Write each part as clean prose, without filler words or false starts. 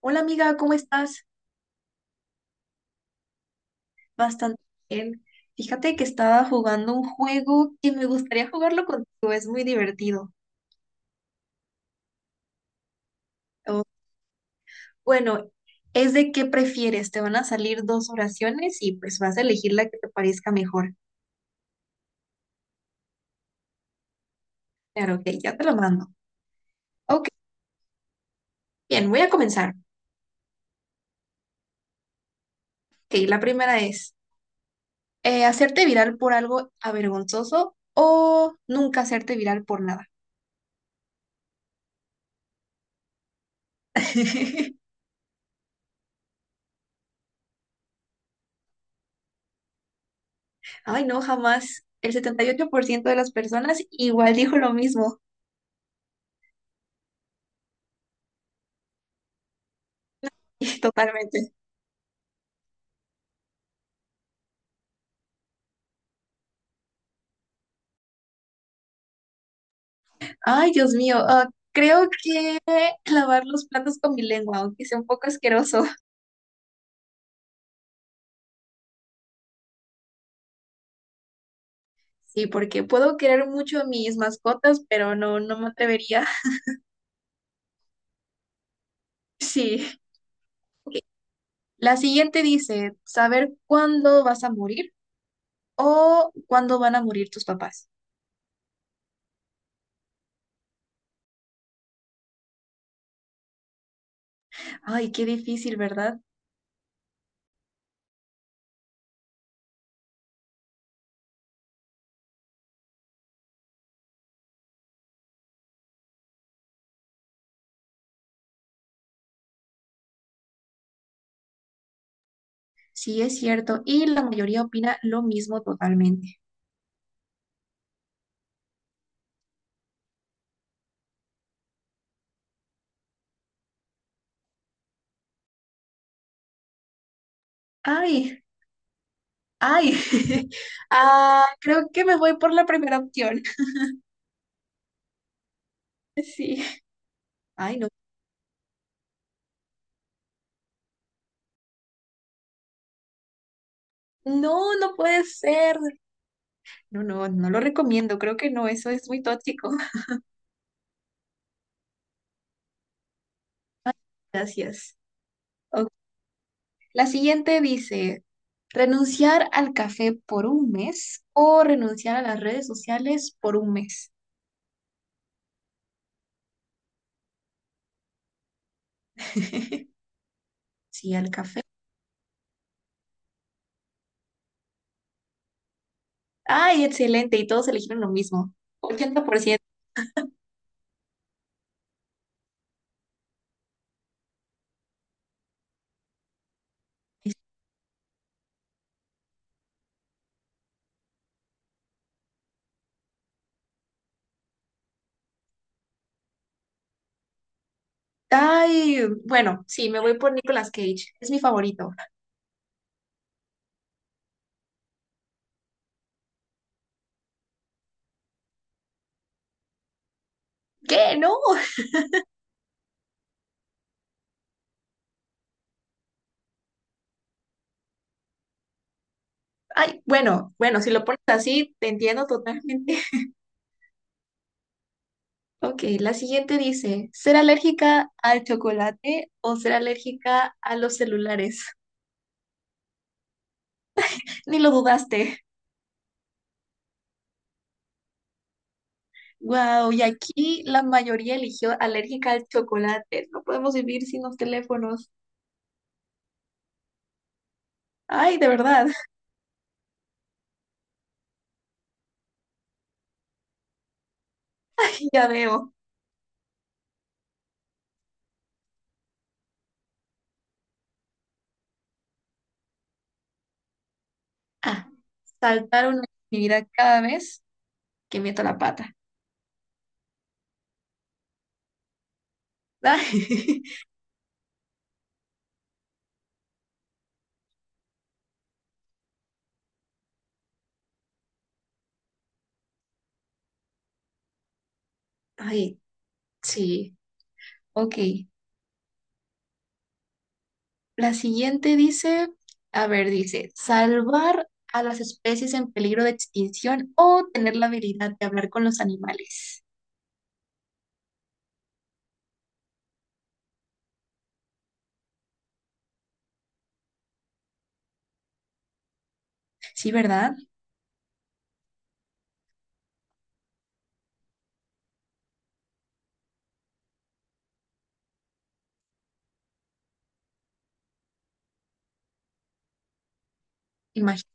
Hola amiga, ¿cómo estás? Bastante bien. Fíjate que estaba jugando un juego que me gustaría jugarlo contigo, es muy divertido. O- bueno, es de qué prefieres, te van a salir dos oraciones y pues vas a elegir la que te parezca mejor. Claro, ok, ya te lo mando. Ok, bien, voy a comenzar. Ok, la primera es, ¿hacerte viral por algo avergonzoso o nunca hacerte viral por nada? Ay, no, jamás. El 78% de las personas igual dijo lo mismo. Totalmente. Ay, Dios mío. Creo que lavar los platos con mi lengua, aunque sea un poco asqueroso. Sí, porque puedo querer mucho a mis mascotas, pero no, no me atrevería. Sí. Ok. La siguiente dice, saber cuándo vas a morir o cuándo van a morir tus papás. Ay, qué difícil, ¿verdad? Sí, es cierto. Y la mayoría opina lo mismo totalmente. Ay, ay. Ah, creo que me voy por la primera opción. Sí. Ay, no. No, no puede ser. No, no, no lo recomiendo. Creo que no, eso es muy tóxico. Gracias. Ok. La siguiente dice, renunciar al café por un mes o renunciar a las redes sociales por un mes. Sí, al café. Ay, excelente. Y todos eligieron lo mismo. 80%. Ay, bueno, sí, me voy por Nicolas Cage. Es mi favorito. ¿Qué? No. Ay, bueno, bueno, si lo pones así, te entiendo totalmente. Ok, la siguiente dice, ¿ser alérgica al chocolate o ser alérgica a los celulares? Ni lo dudaste. Wow, y aquí la mayoría eligió alérgica al chocolate. No podemos vivir sin los teléfonos. Ay, de verdad, ya veo. Ah, saltar una actividad cada vez que meto la pata. Ay, ay, sí, ok. La siguiente dice, a ver, dice, salvar a las especies en peligro de extinción o tener la habilidad de hablar con los animales. Sí, ¿verdad? Imagínate.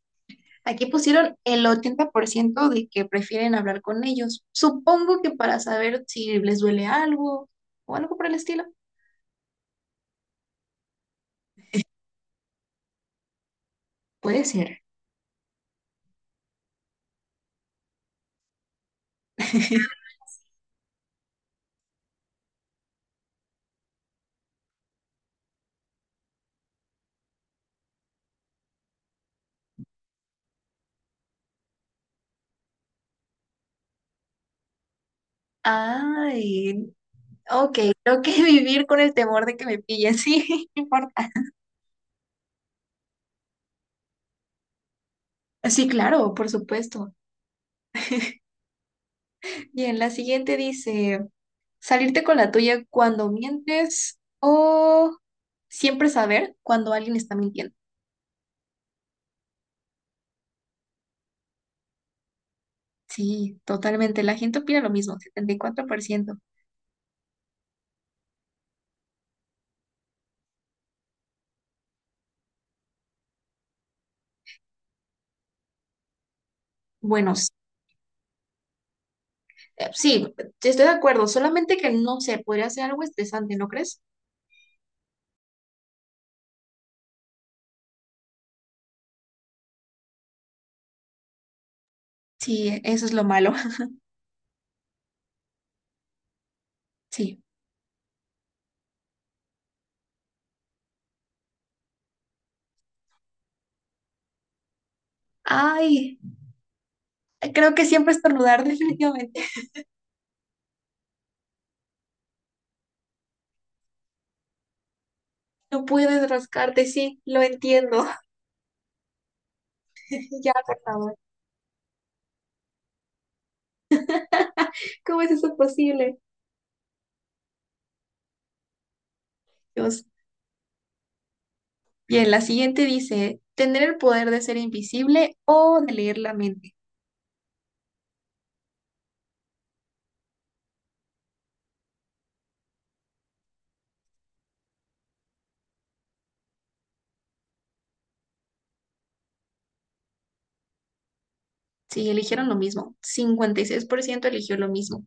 Aquí pusieron el 80% de que prefieren hablar con ellos. Supongo que para saber si les duele algo o algo por el estilo. Puede ser. Ay, ok, creo que vivir con el temor de que me pillen, sí, no importa. Sí, claro, por supuesto. Bien, la siguiente dice, salirte con la tuya cuando mientes o siempre saber cuando alguien está mintiendo. Sí, totalmente. La gente opina lo mismo, 74%. Bueno, s- sí, estoy de acuerdo, solamente que no sé, podría ser algo estresante, ¿no crees? Sí, eso es lo malo. Sí. Ay, creo que siempre estornudar, definitivamente. No puedes rascarte, sí, lo entiendo. Ya, por favor. ¿Cómo es eso posible? Dios. Bien, la siguiente dice, ¿tener el poder de ser invisible o de leer la mente? Sí, eligieron lo mismo. 56% eligió lo mismo.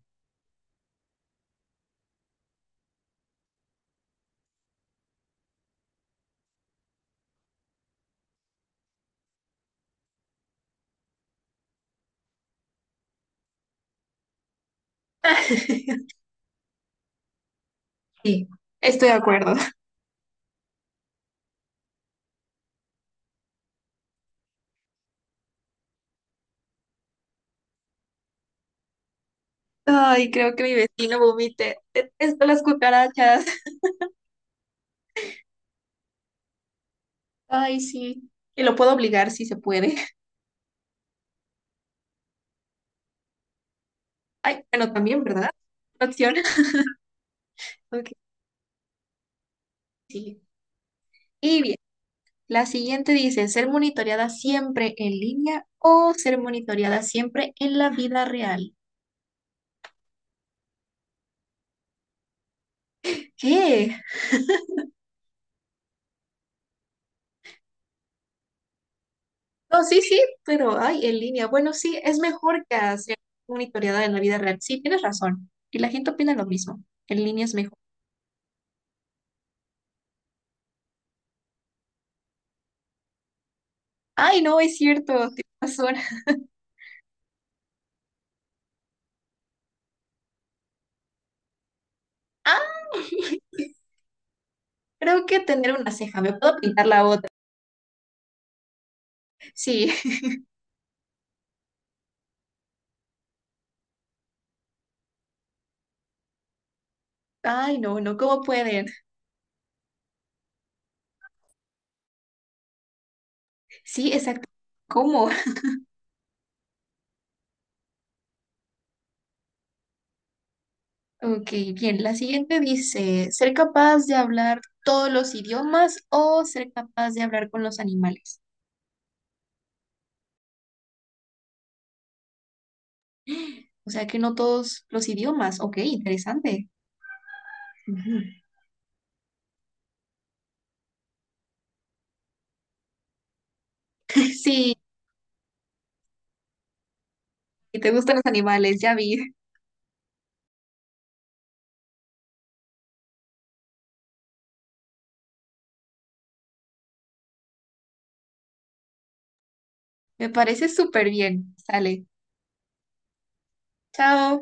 Sí, estoy de acuerdo. Ay, creo que mi vecino vomite. Detesto las cucarachas. Ay, sí. Y lo puedo obligar si se puede. Ay, bueno, también, ¿verdad? Opción. Ok, sí. Y bien, la siguiente dice, ¿ser monitoreada siempre en línea o ser monitoreada siempre en la vida real? ¿Qué? No, sí, sí, pero ay, en línea. Bueno, sí, es mejor que hacer monitoreada en la vida real. Sí, tienes razón. Y la gente opina lo mismo. En línea es mejor. Ay, no, es cierto, tienes razón. Ah, creo que tener una ceja, me puedo pintar la otra. Sí. Ay, no, no, ¿cómo pueden? Sí, exacto. ¿Cómo? Ok, bien. La siguiente dice, ser capaz de hablar todos los idiomas o ser capaz de hablar con los animales. O sea que no todos los idiomas. Ok, interesante. Ujú. Sí, y te gustan los animales, ya vi. Me parece súper bien. Sale. Chao.